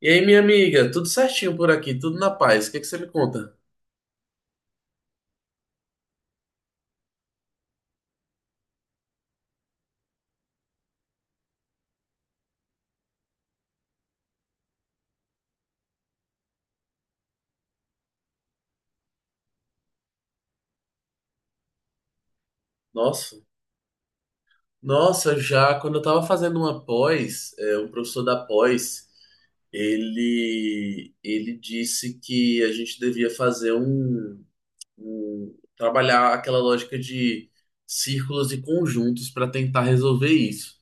E aí, minha amiga, tudo certinho por aqui, tudo na paz. O que que você me conta? Nossa, nossa, já quando eu tava fazendo uma pós, um professor da pós, ele disse que a gente devia trabalhar aquela lógica de círculos e conjuntos para tentar resolver isso.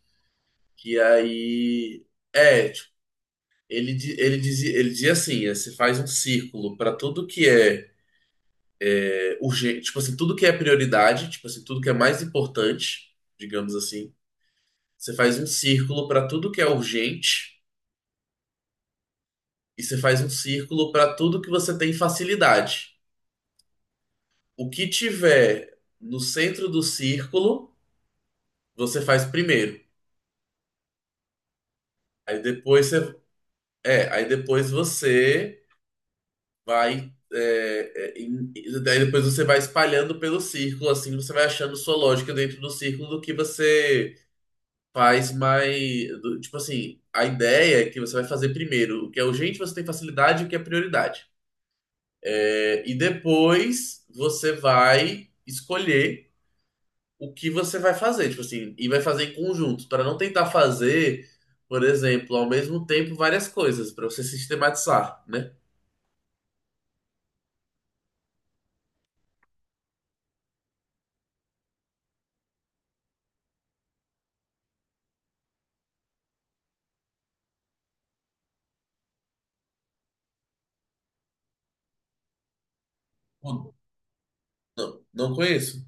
Que aí é, tipo, ele dizia ele dizia assim, é, você faz um círculo para tudo que é urgente, tipo assim, tudo que é prioridade, tipo assim, tudo que é mais importante, digamos assim, você faz um círculo para tudo que é urgente e você faz um círculo para tudo que você tem facilidade. O que tiver no centro do círculo, você faz primeiro. Aí depois você, aí depois você vai é, é, em- daí depois você vai espalhando pelo círculo, assim, você vai achando sua lógica dentro do círculo do que você faz mais. Tipo assim, a ideia é que você vai fazer primeiro o que é urgente, você tem facilidade e o que é prioridade. É, e depois você vai escolher o que você vai fazer, tipo assim, e vai fazer em conjunto, para não tentar fazer, por exemplo, ao mesmo tempo várias coisas, para você sistematizar, né? Pô, não, não conheço.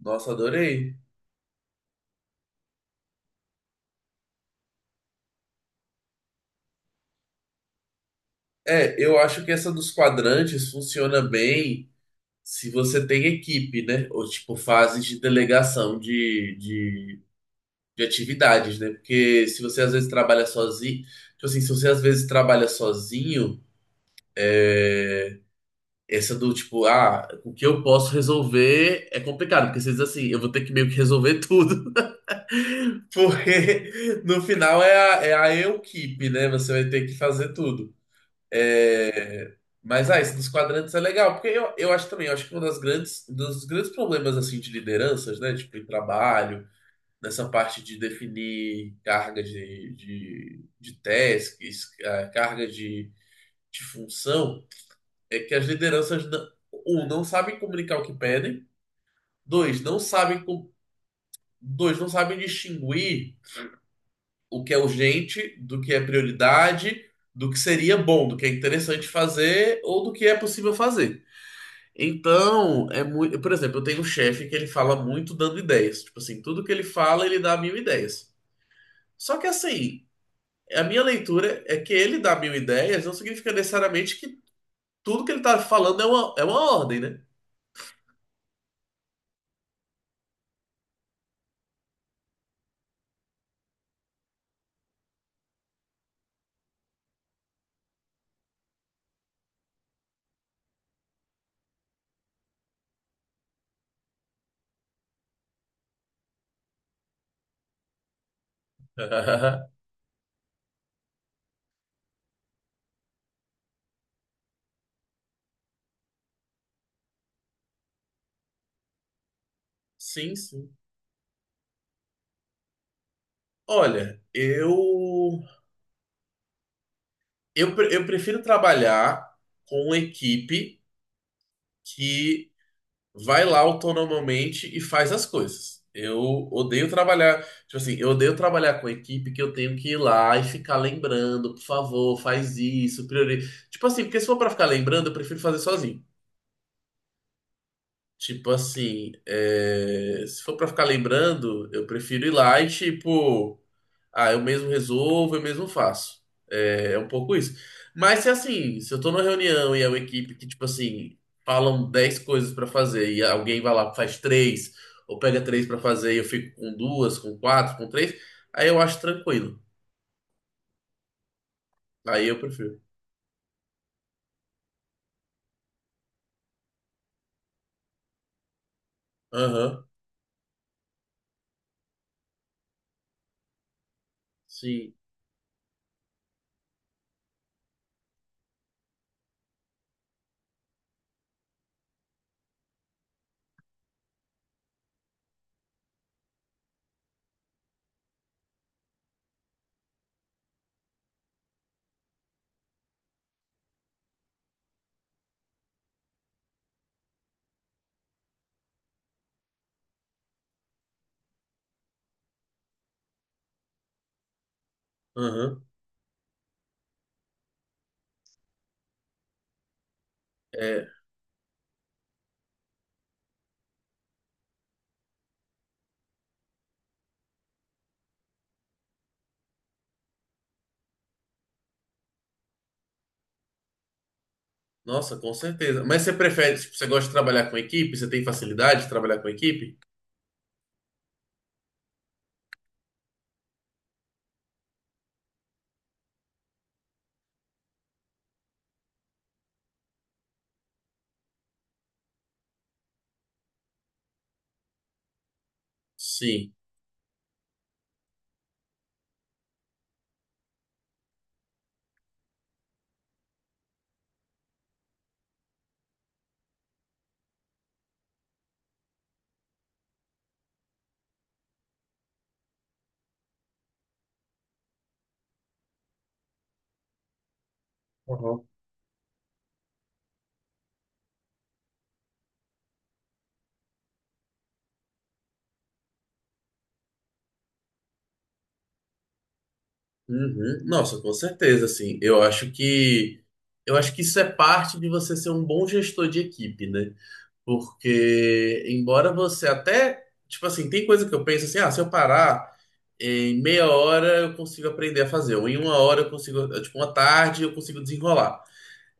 Nossa, adorei. É, eu acho que essa dos quadrantes funciona bem se você tem equipe, né? Ou tipo fases de delegação de atividades, né? Porque se você às vezes trabalha sozinho, tipo assim, se você às vezes trabalha sozinho, é, essa do tipo, ah, o que eu posso resolver é complicado, porque você diz assim, eu vou ter que meio que resolver tudo, porque no final é a equipe, né? Você vai ter que fazer tudo. É, mas, ah, isso dos quadrantes é legal, porque eu acho também, eu acho que um dos grandes problemas, assim, de lideranças, né, tipo, em trabalho, nessa parte de definir carga de tasks, ah, carga de função, é que as lideranças, um, não sabem comunicar o que pedem, dois, não sabem, com- dois, não sabem distinguir o que é urgente do que é prioridade, do que seria bom, do que é interessante fazer ou do que é possível fazer. Então, é muito. Por exemplo, eu tenho um chefe que ele fala muito dando ideias. Tipo assim, tudo que ele fala, ele dá mil ideias. Só que assim, a minha leitura é que ele dá mil ideias não significa necessariamente que tudo que ele tá falando é uma ordem, né? Sim, sim. Olha, eu prefiro trabalhar com uma equipe que vai lá autonomamente e faz as coisas. Eu odeio trabalhar, tipo assim, eu odeio trabalhar com equipe que eu tenho que ir lá e ficar lembrando, por favor, faz isso, priori... Tipo assim, porque se for pra ficar lembrando, eu prefiro fazer sozinho. Tipo assim, é, se for pra ficar lembrando, eu prefiro ir lá e tipo ah, eu mesmo resolvo, eu mesmo faço. É, é um pouco isso. Mas se assim, se eu tô numa reunião e é uma equipe que, tipo assim, falam 10 coisas pra fazer e alguém vai lá, faz três, ou pega três pra fazer e eu fico com duas, com quatro, com três, aí eu acho tranquilo. Aí eu prefiro. Aham, sim. Aham. É, nossa, com certeza. Mas você prefere, tipo, você gosta de trabalhar com equipe? Você tem facilidade de trabalhar com equipe? Sim. Uhum. Nossa, com certeza, assim. Eu acho que isso é parte de você ser um bom gestor de equipe, né? Porque embora você até, tipo assim, tem coisa que eu penso assim, ah, se eu parar em meia hora eu consigo aprender a fazer, ou em uma hora eu consigo, tipo, uma tarde eu consigo desenrolar.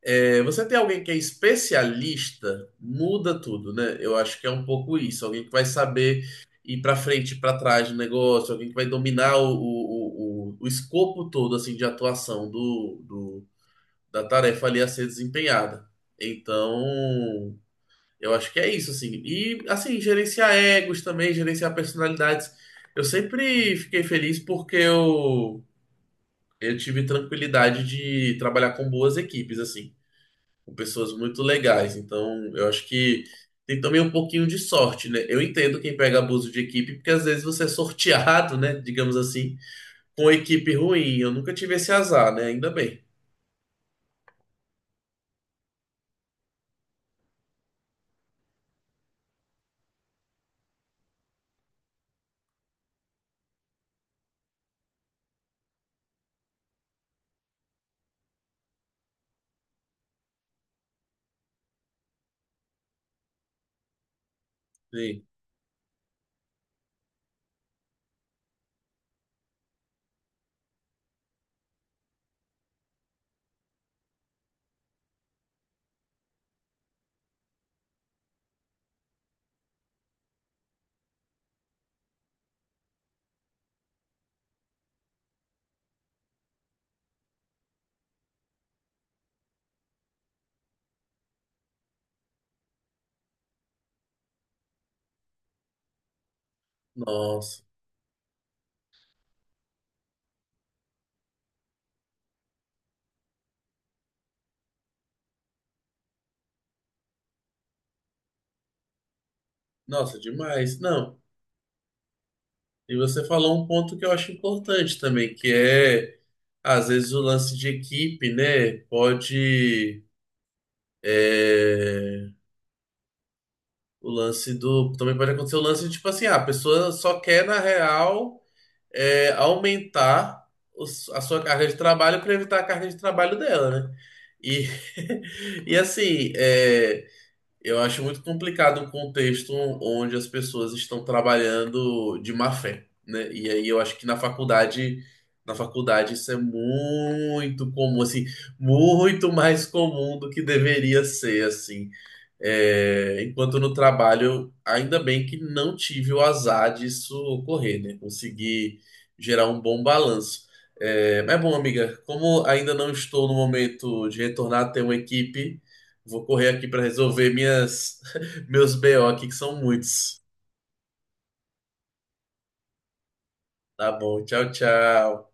É, você tem alguém que é especialista, muda tudo, né? Eu acho que é um pouco isso. Alguém que vai saber ir para frente, para trás do negócio, alguém que vai dominar o escopo todo assim de atuação da tarefa ali a ser desempenhada. Então, eu acho que é isso, assim. E, assim, gerenciar egos também, gerenciar personalidades. Eu sempre fiquei feliz porque eu tive tranquilidade de trabalhar com boas equipes, assim com pessoas muito legais. Então, eu acho que tem também um pouquinho de sorte, né? Eu entendo quem pega abuso de equipe, porque às vezes você é sorteado, né? Digamos assim, com equipe ruim. Eu nunca tive esse azar, né? Ainda bem. Sim. Nossa, nossa, demais. Não. E você falou um ponto que eu acho importante também, que é, às vezes, o lance de equipe, né? Pode. É, o lance do. Também pode acontecer o lance de, tipo assim, ah, a pessoa só quer, na real, é, aumentar a sua carga de trabalho para evitar a carga de trabalho dela, né? E, e assim, é, eu acho muito complicado um contexto onde as pessoas estão trabalhando de má fé, né? E aí eu acho que na faculdade isso é muito comum, assim, muito mais comum do que deveria ser, assim. É, enquanto no trabalho, ainda bem que não tive o azar disso ocorrer, né? Consegui gerar um bom balanço. É, mas bom, amiga, como ainda não estou no momento de retornar a ter uma equipe, vou correr aqui para resolver minhas meus BO aqui, que são muitos. Tá bom, tchau, tchau.